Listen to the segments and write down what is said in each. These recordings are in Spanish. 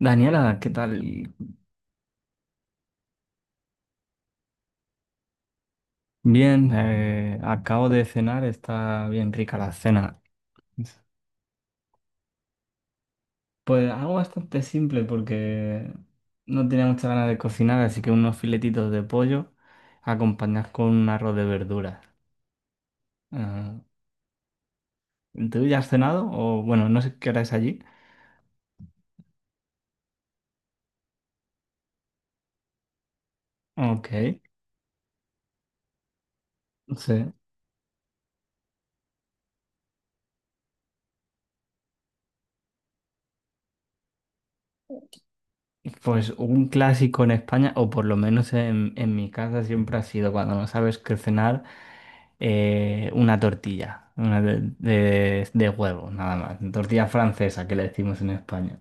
Daniela, ¿qué tal? Bien, acabo de cenar, está bien rica la cena. Pues algo bastante simple porque no tenía muchas ganas de cocinar, así que unos filetitos de pollo acompañados con un arroz de verduras. Ah, ¿tú ya has cenado? O bueno, no sé qué hora es allí. Ok, sí. Pues un clásico en España, o por lo menos en mi casa siempre ha sido cuando no sabes qué cenar. Una tortilla, una de huevo, nada más. Tortilla francesa que le decimos en España.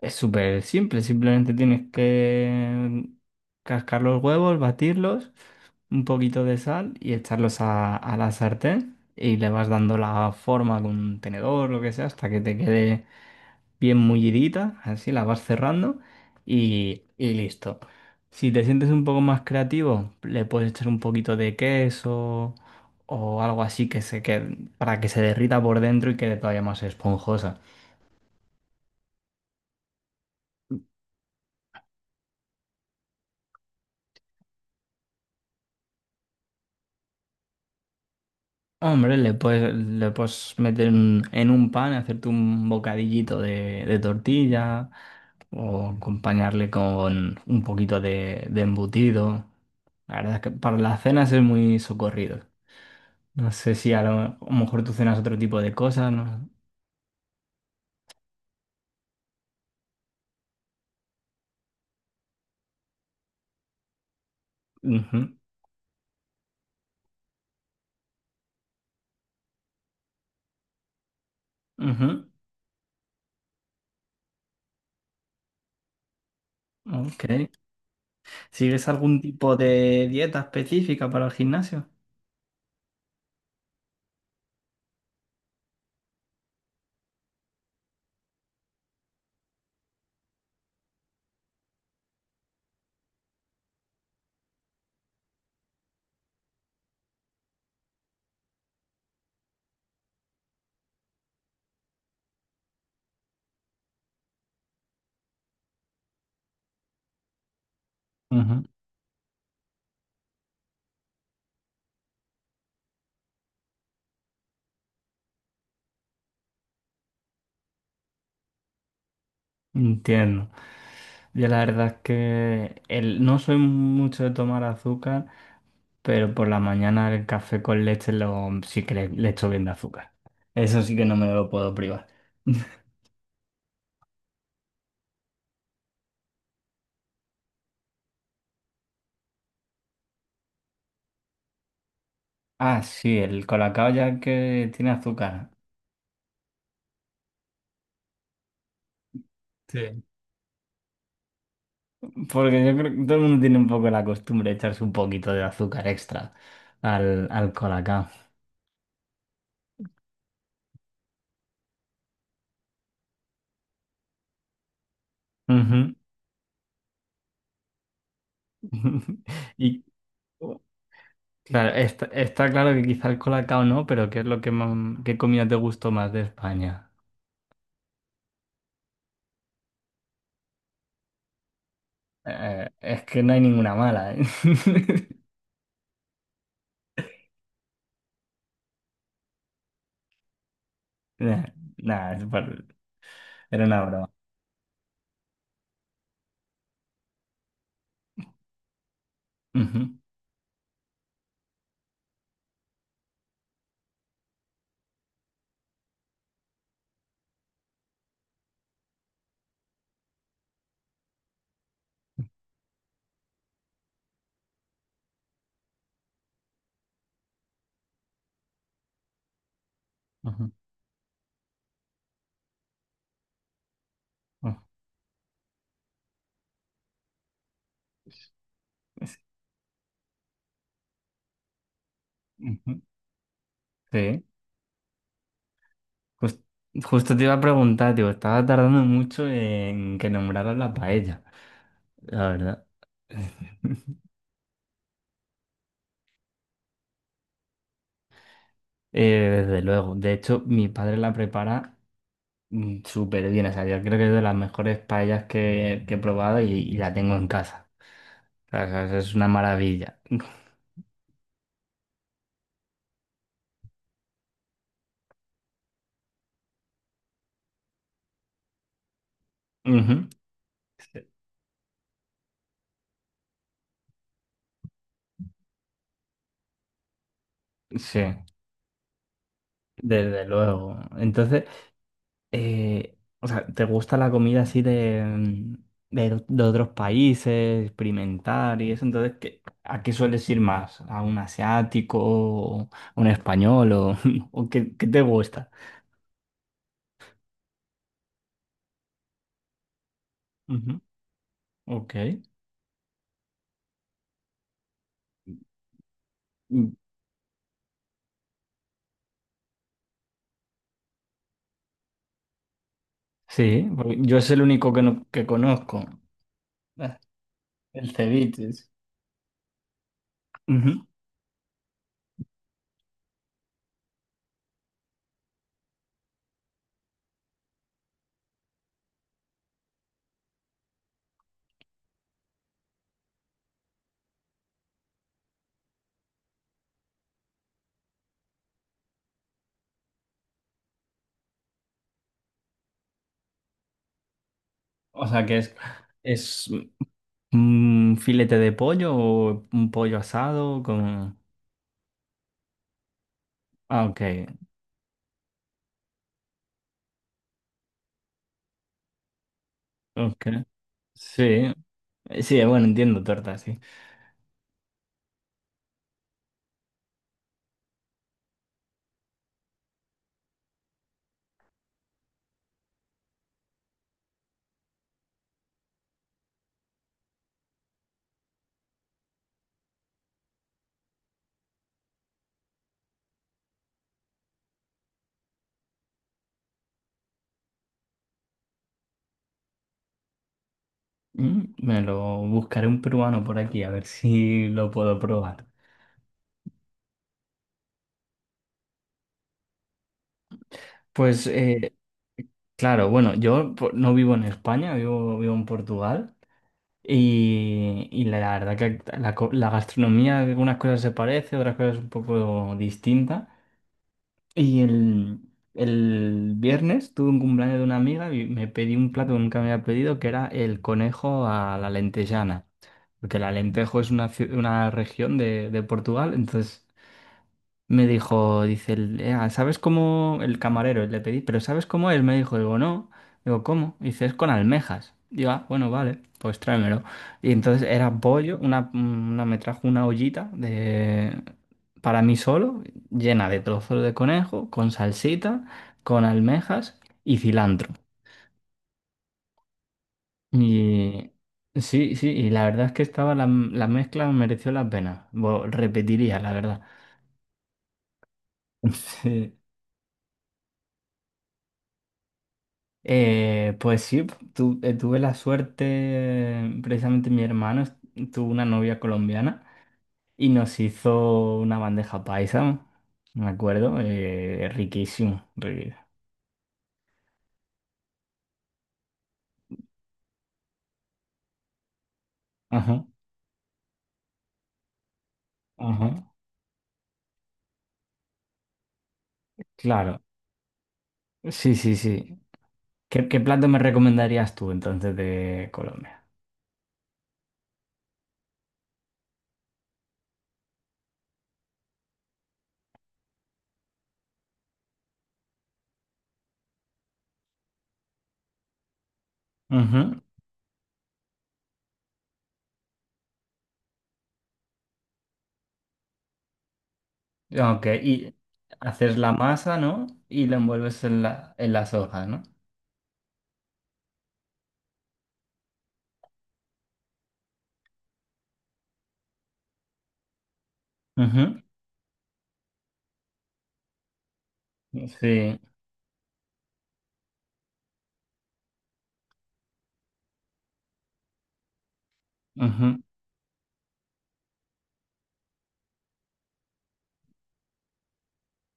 Es súper simple, simplemente tienes que cascar los huevos, batirlos, un poquito de sal y echarlos a la sartén y le vas dando la forma con un tenedor, lo que sea, hasta que te quede bien mullidita, así la vas cerrando y listo. Si te sientes un poco más creativo, le puedes echar un poquito de queso o algo así que se quede, para que se derrita por dentro y quede todavía más esponjosa. Hombre, le puedes meter en un pan, hacerte un bocadillito de tortilla o acompañarle con un poquito de embutido. La verdad es que para las cenas es muy socorrido. No sé si a lo mejor tú cenas otro tipo de cosas, ¿no? Ujú, ujú, ok. ¿Sigues algún tipo de dieta específica para el gimnasio? Ujú. Entiendo. Yo la verdad es que no soy mucho de tomar azúcar, pero por la mañana el café con leche lo, sí que le echo bien de azúcar. Eso sí que no me lo puedo privar. Ah, sí, el colacao ya que tiene azúcar. Sí. Porque yo creo que todo el mundo tiene un poco la costumbre de echarse un poquito de azúcar extra al colacao. Ujú. Y claro, está claro que quizá el colacao no, pero ¿qué es lo que más- ¿qué comida te gustó más de España? Es que no hay ninguna mala, ¿eh? Nah, nah, era una broma. Ujú, ujú, ujú. Es- ujú. Sí. Jus- Justo te iba a preguntar, tío, estaba tardando mucho en que nombraras la paella, la verdad. Desde luego. De hecho, mi padre la prepara súper bien. O sea, yo creo que es de las mejores paellas que he probado y la tengo en casa. O sea, o es una maravilla. Ujú. Sí, sí, desde luego. Entonces, o sea, ¿te gusta la comida así de, de otros países, experimentar y eso? Entonces, ¿a qué sueles ir más? ¿A un asiático, o a un español o, o qué te gusta? Ujú. Ok. Sí, porque yo es el único que, no- que conozco, eh, el ceviche. Ujú. O sea que es un filete de pollo o un pollo asado con... Ah, ok. Sí, sí, bueno, entiendo torta, sí. Mm, me lo buscaré un peruano por aquí a ver si lo puedo probar. Pues claro, bueno, no vivo en España, vivo en Portugal. Y la verdad que la gastronomía, algunas cosas se parece, otras cosas un poco distinta. Y el viernes tuve un cumpleaños de una amiga y me pedí un plato que nunca me había pedido, que era el conejo a la lentejana. Porque la Lentejo es una, una región de Portugal, entonces me dijo, dice, ¿sabes cómo? El camarero le pedí, pero ¿sabes cómo es? Me dijo, digo, no. Digo, ¿cómo? Dice, es con almejas. Digo, ah, bueno, vale, pues tráemelo. Y entonces era pollo, me trajo una ollita de, para mí solo, llena de trozos de conejo, con salsita, con almejas y cilantro. Y sí, sí, y la verdad es que la mezcla mereció la pena. Repetiría, la verdad. Sí. Pues sí, tuve la suerte, precisamente tuvo una novia colombiana y nos hizo una bandeja paisa, me acuerdo, riquísimo. Ajá, ajá. Claro, sí, sí, sí. ¿Qué, qué plato me recomendarías tú entonces de Colombia? Ujú, ok, y haces la masa, ¿no? Y la envuelves en las hojas, ¿no? Ujú, sí. Ujú,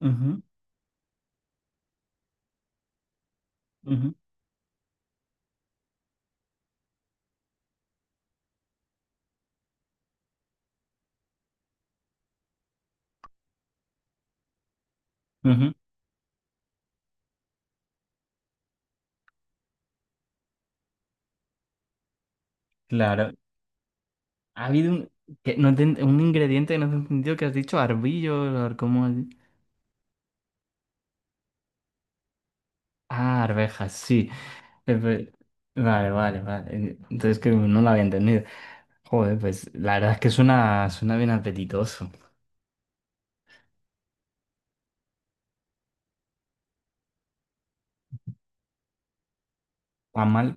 ujú, ujú, ujú. Claro, ha habido un, que no te- un ingrediente que no te he entendido que has dicho, arbillo, ¿cómo? Es? Ah, arvejas, sí. Eh, pe- Vale, vale, vale. Entonces que no lo había entendido. Joder, pues la verdad es que suena, suena bien apetitoso. Tan mal.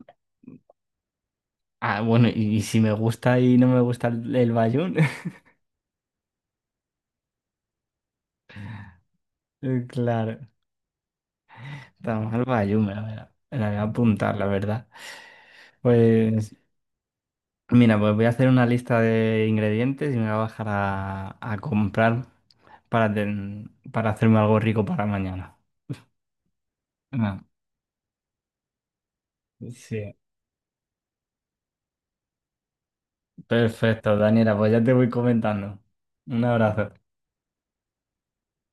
Ah, bueno, y si me gusta y no me gusta el bayún, claro. Tan mal bayún, voy a me la voy a apuntar, la verdad. Pues mira, pues voy a hacer una lista de ingredientes y me voy a bajar a comprar. Para, para hacerme algo rico para mañana. Ah, sí, perfecto, Daniela, pues ya te voy comentando. Un abrazo.